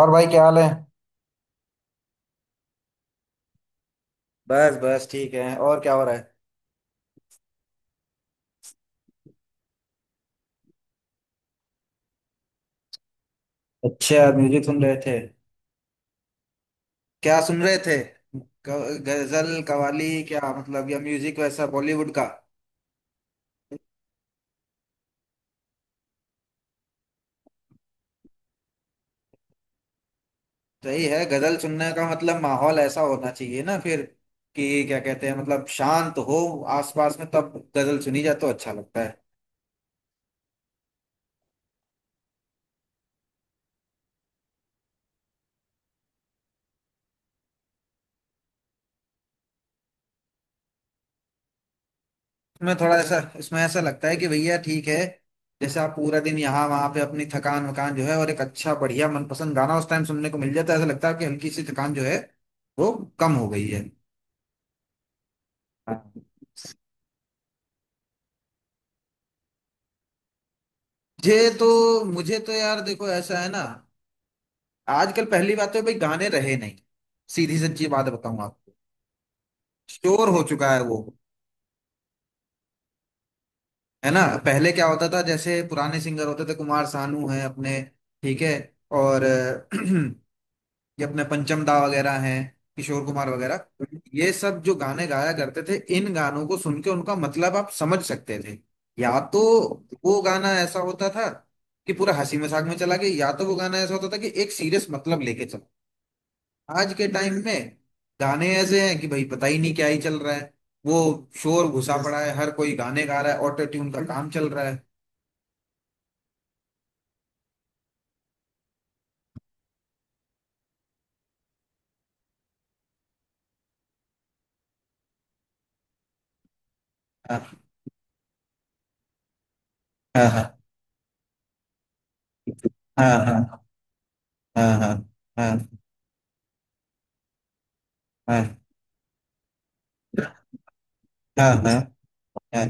और भाई, क्या हाल है। बस बस ठीक है। और क्या हो रहा है? अच्छे आदमी जी, सुन रहे थे? क्या सुन रहे थे? गजल, कवाली, क्या मतलब, या म्यूजिक वैसा बॉलीवुड का? सही है। गजल सुनने का मतलब माहौल ऐसा होना चाहिए ना फिर कि क्या कहते हैं, मतलब शांत हो आसपास में, तब गजल सुनी जाए तो अच्छा लगता है। इसमें थोड़ा ऐसा, इसमें ऐसा लगता है कि भैया ठीक है, जैसे आप पूरा दिन यहाँ वहां पे अपनी थकान वकान जो है, और एक अच्छा बढ़िया मनपसंद गाना उस टाइम सुनने को मिल जाता है, ऐसा लगता है कि हल्की सी थकान जो है वो कम हो गई है। हाँ। मुझे तो मुझे तो यार देखो, ऐसा है ना, आजकल पहली बात तो भाई गाने रहे नहीं। सीधी सच्ची बात बताऊं आपको, शोर हो चुका है वो। है ना, पहले क्या होता था, जैसे पुराने सिंगर होते थे, कुमार सानू है अपने, ठीक है, और ये अपने पंचम दा वगैरह हैं, किशोर कुमार वगैरह। ये सब जो गाने गाया करते थे, इन गानों को सुन के उनका मतलब आप समझ सकते थे। या तो वो गाना ऐसा होता था कि पूरा हंसी मजाक में चला गया, या तो वो गाना ऐसा होता था कि एक सीरियस मतलब लेके चला। आज के टाइम में गाने ऐसे हैं कि भाई पता ही नहीं क्या ही चल रहा है वो। शोर घुसा पड़ा है, हर कोई गाने गा रहा है, ऑटो ट्यून का काम चल रहा है। हाँ, हाँ, हाँ, हाँ, हाँ, हाँ, हाँ, हाँ, हाँ, हाँ, हाँ,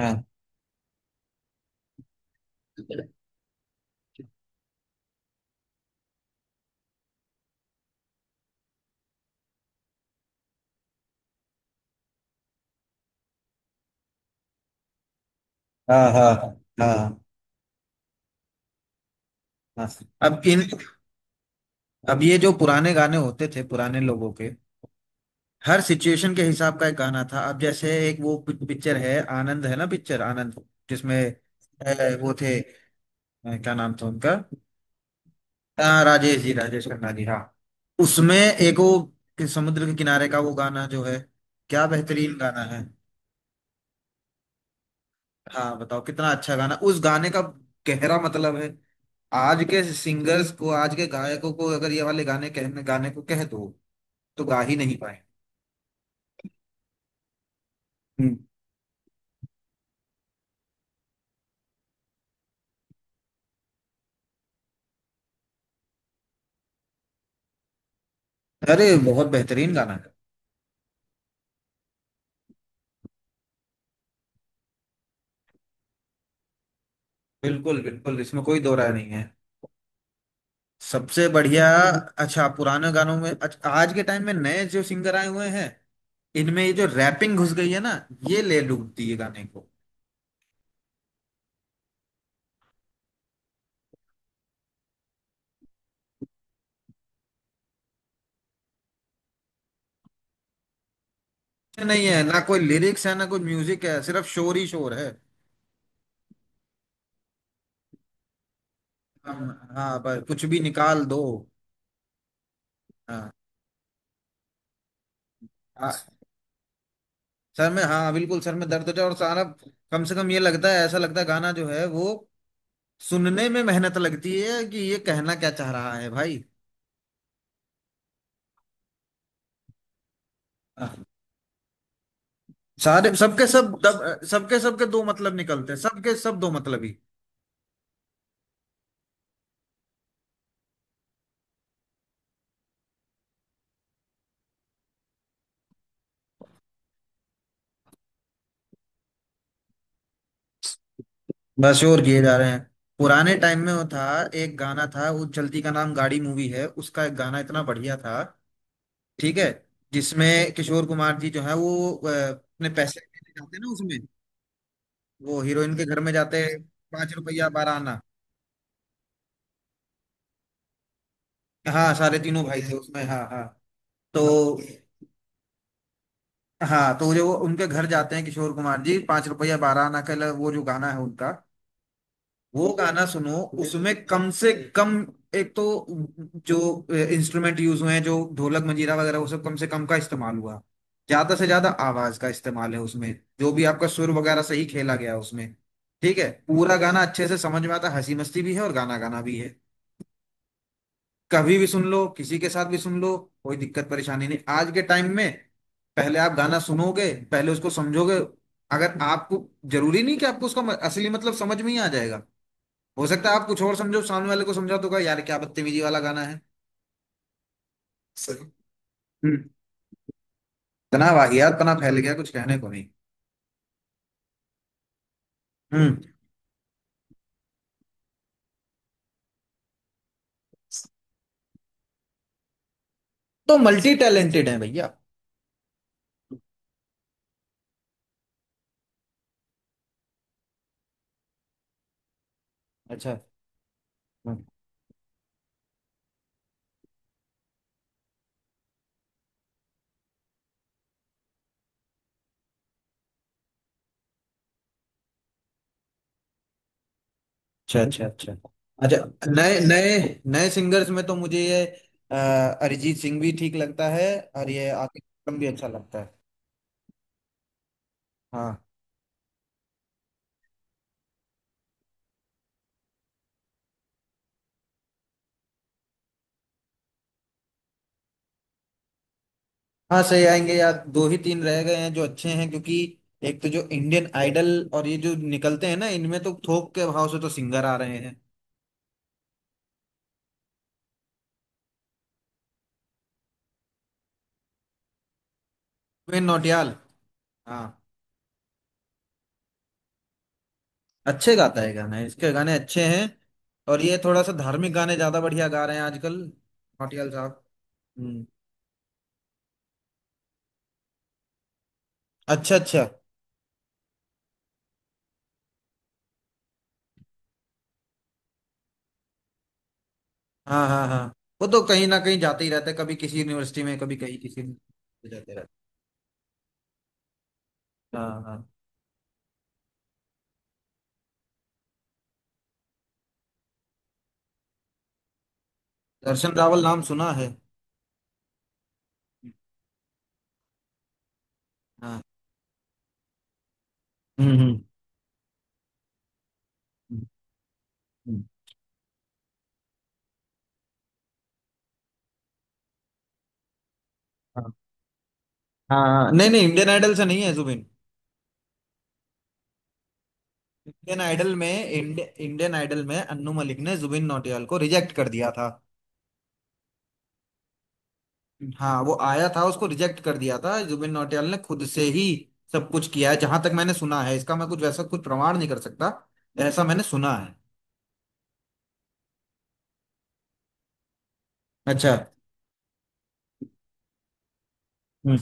हाँ। हाँ, हाँ, हाँ, हाँ। अब इन, अब ये जो पुराने गाने होते थे, पुराने लोगों के, हर सिचुएशन के हिसाब का एक गाना था। अब जैसे एक वो पिक्चर है आनंद, है ना, पिक्चर आनंद, जिसमें वो थे, क्या नाम था उनका, हाँ, राजेश जी, राजेश खन्ना जी, हाँ। उसमें एक वो कि समुद्र के किनारे का वो गाना जो है, क्या बेहतरीन गाना है। हाँ, बताओ कितना अच्छा गाना, उस गाने का गहरा मतलब है। आज के सिंगर्स को, आज के गायकों को अगर ये वाले गाने कहने, गाने को कह दो, तो गा ही नहीं पाए। हम्म। अरे बहुत बेहतरीन गाना है। बिल्कुल बिल्कुल, इसमें कोई दो राय नहीं है, सबसे बढ़िया। अच्छा, पुराने गानों में अच्छा, आज के टाइम में नए जो सिंगर आए हुए हैं, इनमें ये जो रैपिंग घुस गई है ना, ये ले डूबती है गाने को। नहीं है ना कोई लिरिक्स, है ना कोई म्यूजिक, है सिर्फ शोर ही शोर है। हाँ। हाँ, बस कुछ भी निकाल दो। हाँ। आ- सर में, हाँ बिल्कुल, सर में दर्द होता है और सारा, कम से कम ये लगता है, ऐसा लगता है गाना जो है वो सुनने में मेहनत लगती है कि ये कहना क्या चाह रहा है भाई। सारे सबके सब सबके सबके दो मतलब निकलते हैं, सबके सब दो मतलब ही। बस और किए जा रहे हैं। पुराने टाइम में वो था, एक गाना था, वो चलती का नाम गाड़ी मूवी है, उसका एक गाना इतना बढ़िया था, ठीक है, जिसमें किशोर कुमार जी जो है वो अपने पैसे लेने जाते हैं ना उसमें, वो हीरोइन के घर में जाते हैं, पांच रुपया बारह आना। हाँ, सारे तीनों भाई थे उसमें, हाँ हाँ। तो हाँ, तो जो वो उनके घर जाते हैं किशोर कुमार जी, 5 रुपया 12 आना का, वो जो गाना है उनका, वो गाना सुनो। उसमें कम से कम एक तो जो इंस्ट्रूमेंट यूज हुए हैं, जो ढोलक मंजीरा वगैरह, वो सब कम से कम का इस्तेमाल हुआ। ज्यादा से ज्यादा आवाज का इस्तेमाल है उसमें, जो भी आपका सुर वगैरह सही खेला गया है उसमें, ठीक है। पूरा गाना अच्छे से समझ में आता है, हंसी मस्ती भी है और गाना गाना भी है। कभी भी सुन लो, किसी के साथ भी सुन लो, कोई दिक्कत परेशानी नहीं। आज के टाइम में पहले आप गाना सुनोगे, पहले उसको समझोगे। अगर आपको, जरूरी नहीं कि आपको उसका असली मतलब समझ में ही आ जाएगा, हो सकता है आप कुछ और समझो, सामने वाले को समझा तो कहा यार क्या बदतमीजी वाला गाना है। सही। हम्म। इतना वाहियात तना फैल गया, कुछ कहने को नहीं। हम्म। तो मल्टी टैलेंटेड है भैया। अच्छा। हम्म। अच्छा, अच्छा, अच्छा। अच्छा नए नए, नए सिंगर्स में तो मुझे ये अ, अरिजीत सिंह भी ठीक लगता है, और ये आतिफ असलम भी अच्छा लगता है। हाँ। हाँ सही आएंगे यार, दो ही तीन रह गए हैं जो अच्छे हैं, क्योंकि एक तो जो इंडियन आइडल और ये जो निकलते हैं ना, इनमें तो थोक के भाव से तो सिंगर आ रहे हैं। उपेन नौटियाल। हाँ, अच्छे गाता है गाना, इसके गाने अच्छे हैं। और ये थोड़ा सा धार्मिक गाने ज्यादा बढ़िया गा रहे हैं आजकल, भाटियाल साहब। हम्म। अच्छा अच्छा। हाँ हाँ हाँ। वो तो कहीं ना कहीं जाते ही रहते, कभी किसी यूनिवर्सिटी में, कभी कहीं किसी में। जाते रहते। हाँ हाँ। दर्शन रावल, नाम सुना है। हाँ। हम्म। हम्म, हम्म। हाँ हाँ हाँ। नहीं नहीं, इंडियन आइडल से नहीं है जुबिन। इंडियन आइडल में, इंडियन आइडल में अन्नू मलिक ने जुबिन नौटियाल को रिजेक्ट कर दिया था। हाँ, वो आया था, उसको रिजेक्ट कर दिया था। जुबिन नौटियाल ने खुद से ही सब कुछ किया है, जहां तक मैंने सुना है। इसका मैं कुछ वैसा कुछ प्रमाण नहीं कर सकता, ऐसा मैंने सुना है। अच्छा। हम्म।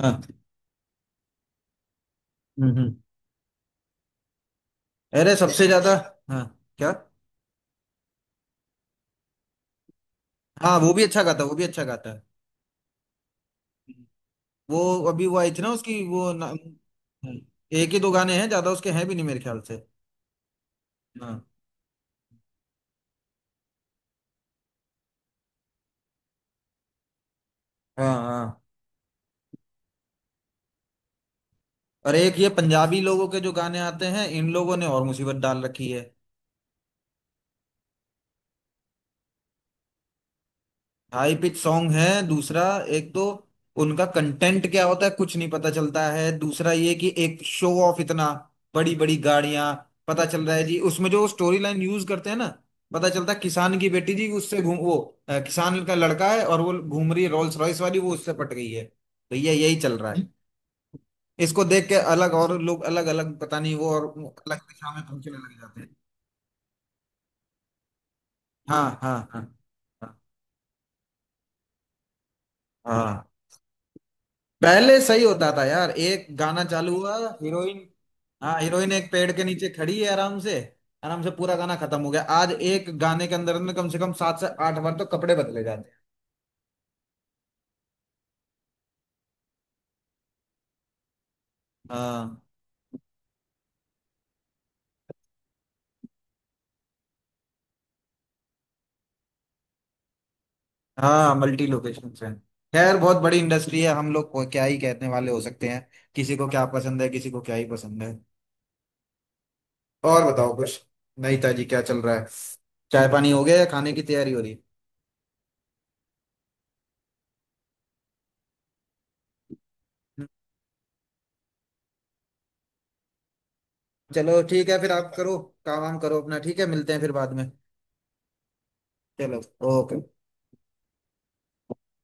हाँ। हम्म हम्म। अरे सबसे ज्यादा, हाँ, क्या? हाँ, वो भी अच्छा गाता है, वो भी अच्छा गाता है। वो अभी वो आई थी ना उसकी वो ना, एक ही दो गाने हैं, ज्यादा उसके हैं भी नहीं मेरे ख्याल से। हाँ। हाँ। हाँ और एक ये पंजाबी लोगों के जो गाने आते हैं, इन लोगों ने और मुसीबत डाल रखी है। हाई पिच सॉन्ग है दूसरा, एक तो उनका कंटेंट क्या होता है कुछ नहीं पता चलता है, दूसरा ये कि एक शो ऑफ इतना, बड़ी बड़ी गाड़ियां पता चल रहा है जी उसमें। जो स्टोरी लाइन यूज करते हैं ना, पता चलता है किसान की बेटी जी उससे घूम वो, किसान का लड़का है और वो घूम रही है रोल्स रॉयस वाली, वो उससे पट गई है, तो ये यही चल रहा है। इसको देख के अलग और लोग अलग अलग पता नहीं, वो और अलग दिशा में पहुंचने लग जाते हैं। हाँ हाँ हाँ। हाँ हाँ। पहले सही होता था यार, एक गाना चालू हुआ, हीरोइन, हाँ हीरोइन एक पेड़ के नीचे खड़ी है आराम से, आराम से पूरा गाना खत्म हो गया। आज एक गाने के अंदर में कम से कम 7 से 8 बार तो कपड़े बदले जाते हैं। हाँ हाँ। मल्टी लोकेशन से। खैर बहुत बड़ी इंडस्ट्री है, हम लोग को क्या ही कहने वाले, हो सकते हैं किसी को क्या पसंद है, किसी को क्या ही पसंद है। और बताओ कुछ, नहीं ताजी क्या चल रहा है, चाय पानी हो गया या खाने की तैयारी हो रही है? चलो ठीक है, फिर आप करो काम वाम करो अपना, ठीक है, मिलते हैं फिर बाद में। चलो, ओके।